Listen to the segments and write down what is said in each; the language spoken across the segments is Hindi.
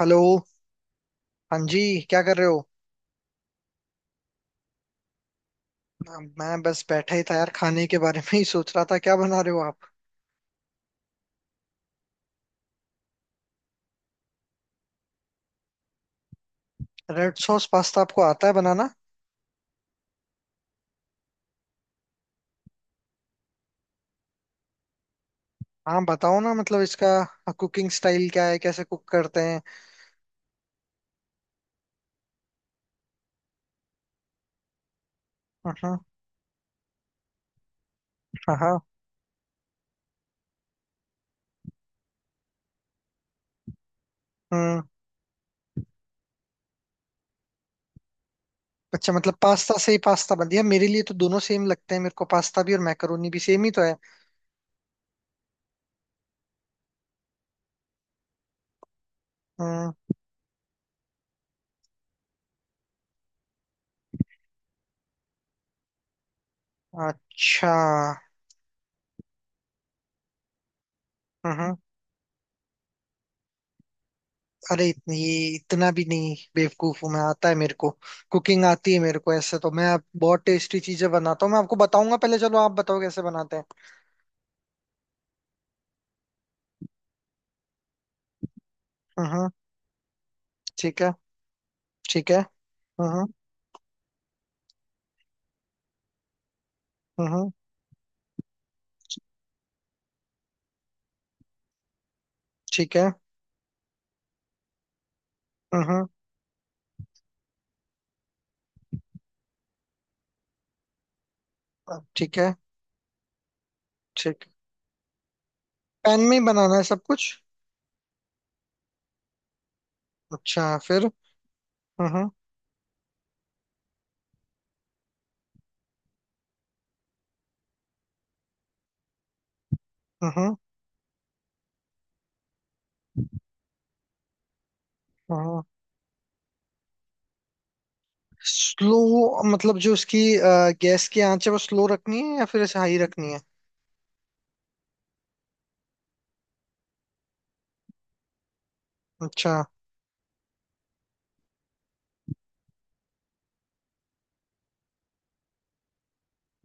हेलो। हाँ जी। क्या कर रहे हो? मैं बस बैठा ही था यार, खाने के बारे में ही सोच रहा था। क्या बना रहे हो आप? रेड सॉस पास्ता आपको आता है बनाना? हाँ बताओ ना, मतलब इसका कुकिंग स्टाइल क्या है, कैसे कुक करते हैं? हाँ हाँ हाँ। हम्म। अच्छा, मतलब पास्ता से ही पास्ता बन दिया। मेरे लिए तो दोनों सेम लगते हैं, मेरे को पास्ता भी और मैकरोनी भी सेम ही तो है। हम्म। अच्छा। हम्म। अरे इतनी, इतना भी नहीं बेवकूफ हूं मैं, आता है मेरे को। कुकिंग आती है मेरे को ऐसे तो। बहुत टेस्टी चीजें बनाता हूँ मैं, आपको बताऊंगा। पहले चलो आप बताओ कैसे बनाते हैं। हम्म। ठीक है। ठीक है। हम्म। हम्म। ठीक है। हम्म। ठीक है। ठीक। पैन में ही बनाना है सब कुछ? अच्छा, फिर? हम्म। हम्म। हम्म। स्लो, मतलब जो उसकी गैस की आंच है वो स्लो रखनी है या फिर ऐसे हाई रखनी है? अच्छा।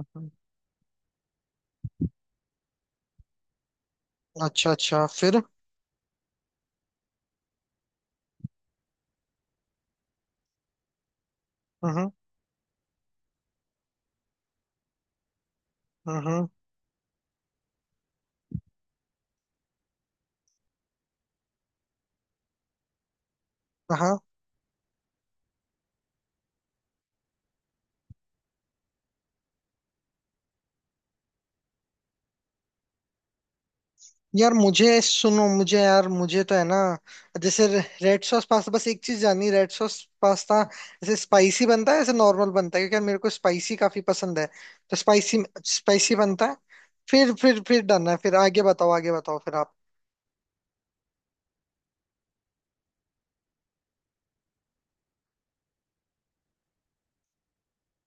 हम्म। अच्छा अच्छा, फिर? हम्म। हम्म। हाँ। यार मुझे सुनो, मुझे यार मुझे तो है ना, जैसे रेड सॉस पास्ता, बस एक चीज जाननी, रेड सॉस पास्ता जैसे स्पाइसी बनता है जैसे नॉर्मल बनता है? क्योंकि यार मेरे को स्पाइसी काफी पसंद है। तो स्पाइसी स्पाइसी बनता है? फिर डन है, फिर आगे बताओ, आगे बताओ फिर आप।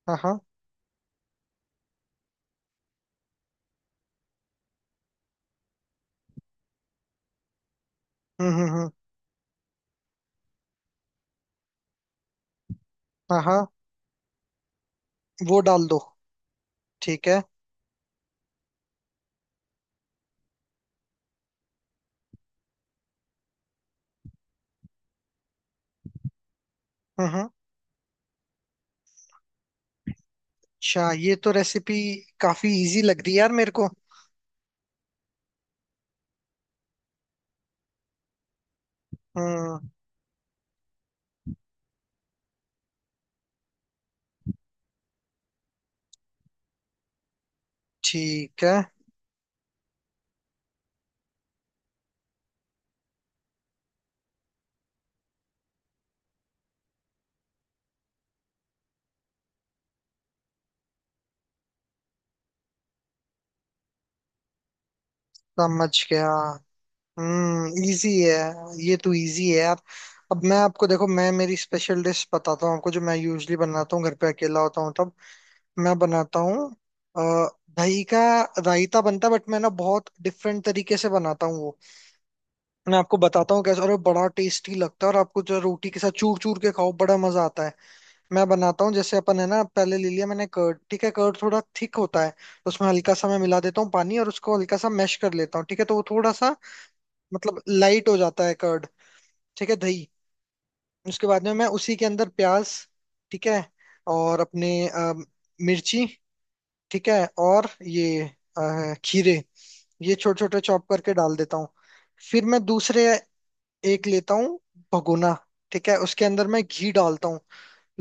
हाँ हाँ। हम्म। हाँ हाँ, वो डाल दो। ठीक है। हम्म। अच्छा ये तो रेसिपी काफी इजी लग रही है यार मेरे को। हम्म। ठीक है। समझ गया। हम्म, इजी है। ये तो इजी है यार। अब मैं आपको देखो, मैं मेरी स्पेशल डिश बताता हूँ आपको, जो मैं यूजली बनाता हूँ घर पे अकेला होता हूँ तब मैं बनाता हूँ। अ, दही का रायता बनता है, बट मैं ना बहुत डिफरेंट तरीके से बनाता हूँ वो। मैं आपको बताता हूँ कैसे, और वो बड़ा टेस्टी लगता है, और आपको जो रोटी के साथ चूर चूर के खाओ, बड़ा मजा आता है। मैं बनाता हूँ, जैसे अपन है ना, पहले ले लिया मैंने कर्ड। ठीक है? कर्ड थोड़ा थिक होता है तो उसमें हल्का सा मैं मिला देता हूँ पानी, और उसको हल्का सा मैश कर लेता हूँ। ठीक है? तो वो थोड़ा सा, मतलब लाइट हो जाता है कर्ड। ठीक है, दही। उसके बाद में मैं उसी के अंदर प्याज, ठीक है, और अपने मिर्ची, ठीक है, और ये खीरे, ये छोटे छोटे चॉप करके डाल देता हूँ। फिर मैं दूसरे एक लेता हूँ भगोना। ठीक है, उसके अंदर मैं घी डालता हूँ।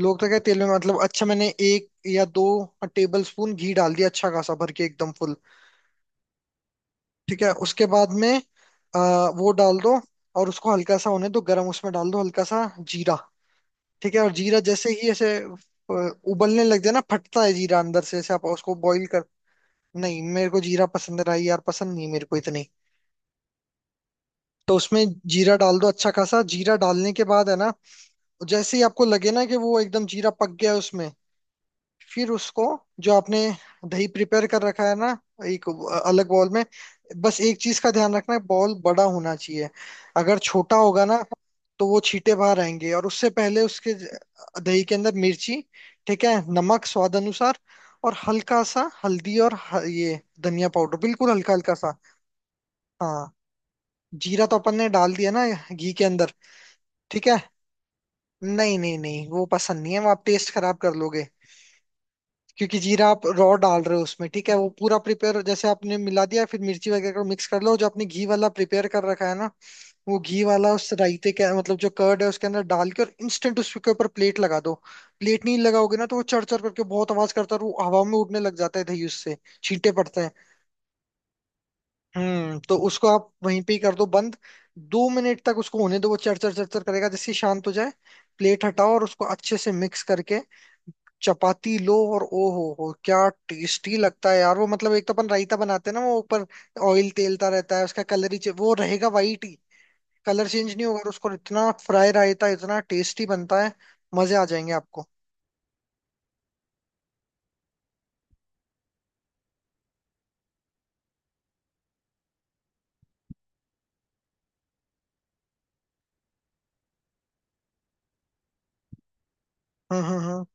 लोग तो क्या तेल में, मतलब अच्छा, मैंने एक या दो टेबल स्पून घी डाल दिया अच्छा खासा, भर के एकदम फुल। ठीक है? उसके बाद में अ, वो डाल दो, और उसको हल्का सा होने दो गरम। उसमें डाल दो हल्का सा जीरा। ठीक है? और जीरा जैसे ही ऐसे उबलने लग जाए ना, फटता है जीरा अंदर से, ऐसे आप उसको बॉईल कर। नहीं, मेरे को जीरा पसंद रहा यार, पसंद नहीं मेरे को इतनी। तो उसमें जीरा डाल दो अच्छा खासा। जीरा डालने के बाद है ना, जैसे ही आपको लगे ना कि वो एकदम जीरा पक गया है उसमें, फिर उसको जो आपने दही प्रिपेयर कर रखा है ना, एक अलग बॉल में, बस एक चीज का ध्यान रखना है, बॉल बड़ा होना चाहिए। अगर छोटा होगा ना, तो वो छींटे बाहर आएंगे। और उससे पहले दही के अंदर मिर्ची, ठीक है, नमक स्वाद अनुसार, और हल्का सा हल्दी, और ये धनिया पाउडर बिल्कुल हल्का हल्का सा। हाँ, जीरा तो अपन ने डाल दिया ना घी के अंदर। ठीक है? नहीं नहीं नहीं, वो पसंद नहीं है, वो आप टेस्ट खराब कर लोगे। क्योंकि जीरा आप रॉ डाल रहे हो उसमें। ठीक है? वो पूरा प्रिपेयर, जैसे आपने मिला दिया, फिर मिर्ची वगैरह को मिक्स कर लो, जो आपने घी वाला प्रिपेयर कर रखा है ना, वो घी वाला उस रायते के मतलब जो कर्ड है उसके अंदर डाल के, और इंस्टेंट उसके ऊपर प्लेट लगा दो। प्लेट नहीं लगाओगे ना, तो वो चढ़ चढ़ करके बहुत आवाज करता है, और वो हवा में उड़ने लग जाता है दही, उससे छींटे पड़ते हैं। हम्म। तो उसको आप वहीं पे ही कर दो बंद। दो मिनट तक उसको होने दो, वो चरचर चरचर करेगा, जिससे शांत हो जाए। प्लेट हटाओ और उसको अच्छे से मिक्स करके चपाती लो, और ओ हो क्या टेस्टी लगता है यार वो। मतलब एक तो अपन रायता बनाते हैं ना, वो ऊपर ऑयल तेलता रहता है। उसका वो रहेगा वाइट ही, कलर चेंज नहीं होगा। और उसको इतना फ्राई, रायता इतना टेस्टी बनता है, मजे आ जाएंगे आपको। हम्म।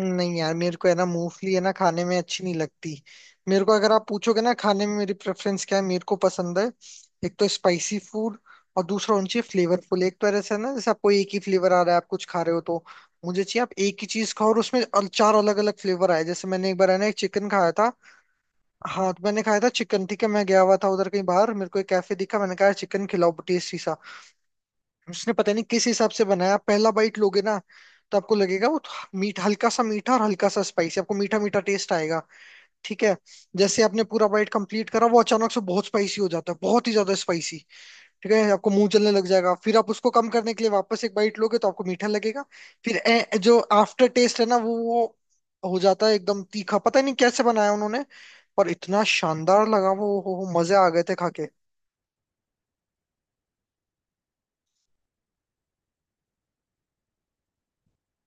नहीं यार मेरे को है ना मूंगफली है ना खाने में अच्छी नहीं लगती। मेरे को अगर आप पूछोगे ना, खाने में मेरी प्रेफरेंस क्या है, मेरे को पसंद है एक तो स्पाइसी फूड, और दूसरा होना चाहिए फ्लेवरफुल। एक तो ऐसा है ना जैसे आपको एक ही फ्लेवर आ रहा है आप कुछ खा रहे हो तो, मुझे चाहिए आप एक ही चीज खाओ और उसमें चार अलग अलग फ्लेवर आए। जैसे मैंने एक बार है ना एक चिकन खाया था। हाँ, तो मैंने खाया था चिकन, ठीक है, मैं गया हुआ था उधर कहीं बाहर, मेरे को एक कैफे दिखा, मैंने कहा चिकन खिलाओ टेस्टी। उसने पता नहीं किस हिसाब से बनाया, आप पहला बाइट लोगे ना तो आपको लगेगा वो मीठ, हल्का सा मीठा और हल्का सा स्पाइसी, आपको मीठा मीठा टेस्ट आएगा। ठीक है? जैसे आपने पूरा बाइट कंप्लीट करा, वो अचानक से बहुत स्पाइसी हो जाता है, बहुत ही ज्यादा स्पाइसी। ठीक है? आपको मुंह जलने लग जाएगा। फिर आप उसको कम करने के लिए वापस एक बाइट लोगे, तो आपको मीठा लगेगा। फिर जो आफ्टर टेस्ट है ना, वो हो जाता है एकदम तीखा। पता नहीं कैसे बनाया उन्होंने, पर इतना शानदार लगा वो, मजे आ गए थे खा के।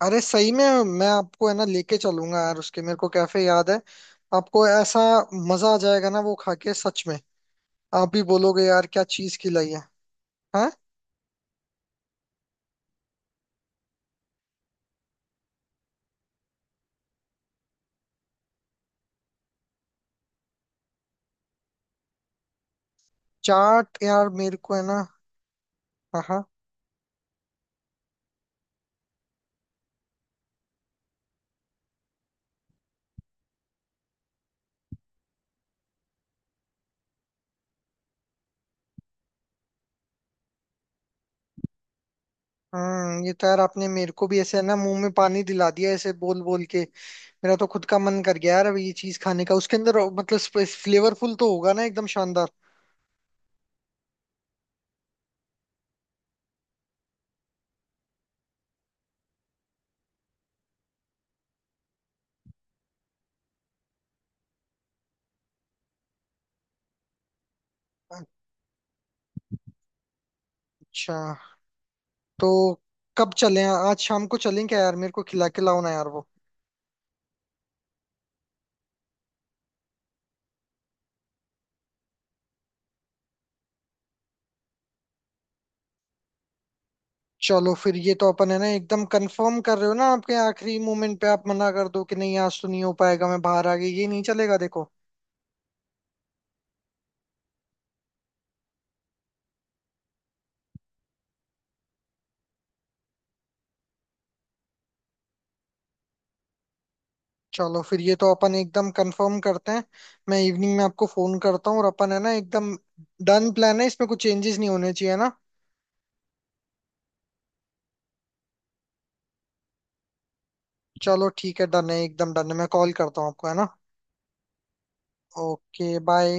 अरे सही में, मैं आपको है ना लेके चलूंगा यार, उसके मेरे को कैफे याद है आपको। ऐसा मजा आ जाएगा ना वो खा के, सच में आप भी बोलोगे यार क्या चीज खिलाई है। हाँ। चाट यार, मेरे को है ना। हाँ हाँ। हम्म। ये तो यार आपने मेरे को भी ऐसे है ना मुंह में पानी दिला दिया ऐसे बोल बोल के। मेरा तो खुद का मन कर गया यार अब ये चीज खाने का, उसके अंदर मतलब फ्लेवरफुल तो होगा ना एकदम शानदार। अच्छा। तो कब चलें, आज शाम को चलें क्या यार, मेरे को खिला के लाओ ना यार वो। चलो फिर, ये तो अपन है ना एकदम कंफर्म कर रहे हो ना? आपके आखिरी मोमेंट पे आप मना कर दो कि नहीं आज तो नहीं हो पाएगा मैं बाहर आ गई, ये नहीं चलेगा देखो। चलो फिर, ये तो अपन एकदम कंफर्म करते हैं। मैं इवनिंग में आपको फोन करता हूँ, और अपन है ना एकदम डन प्लान है, इसमें कुछ चेंजेस नहीं होने चाहिए ना। चलो ठीक है, डन है, एकदम डन है। मैं कॉल करता हूँ आपको, है ना। Okay, bye.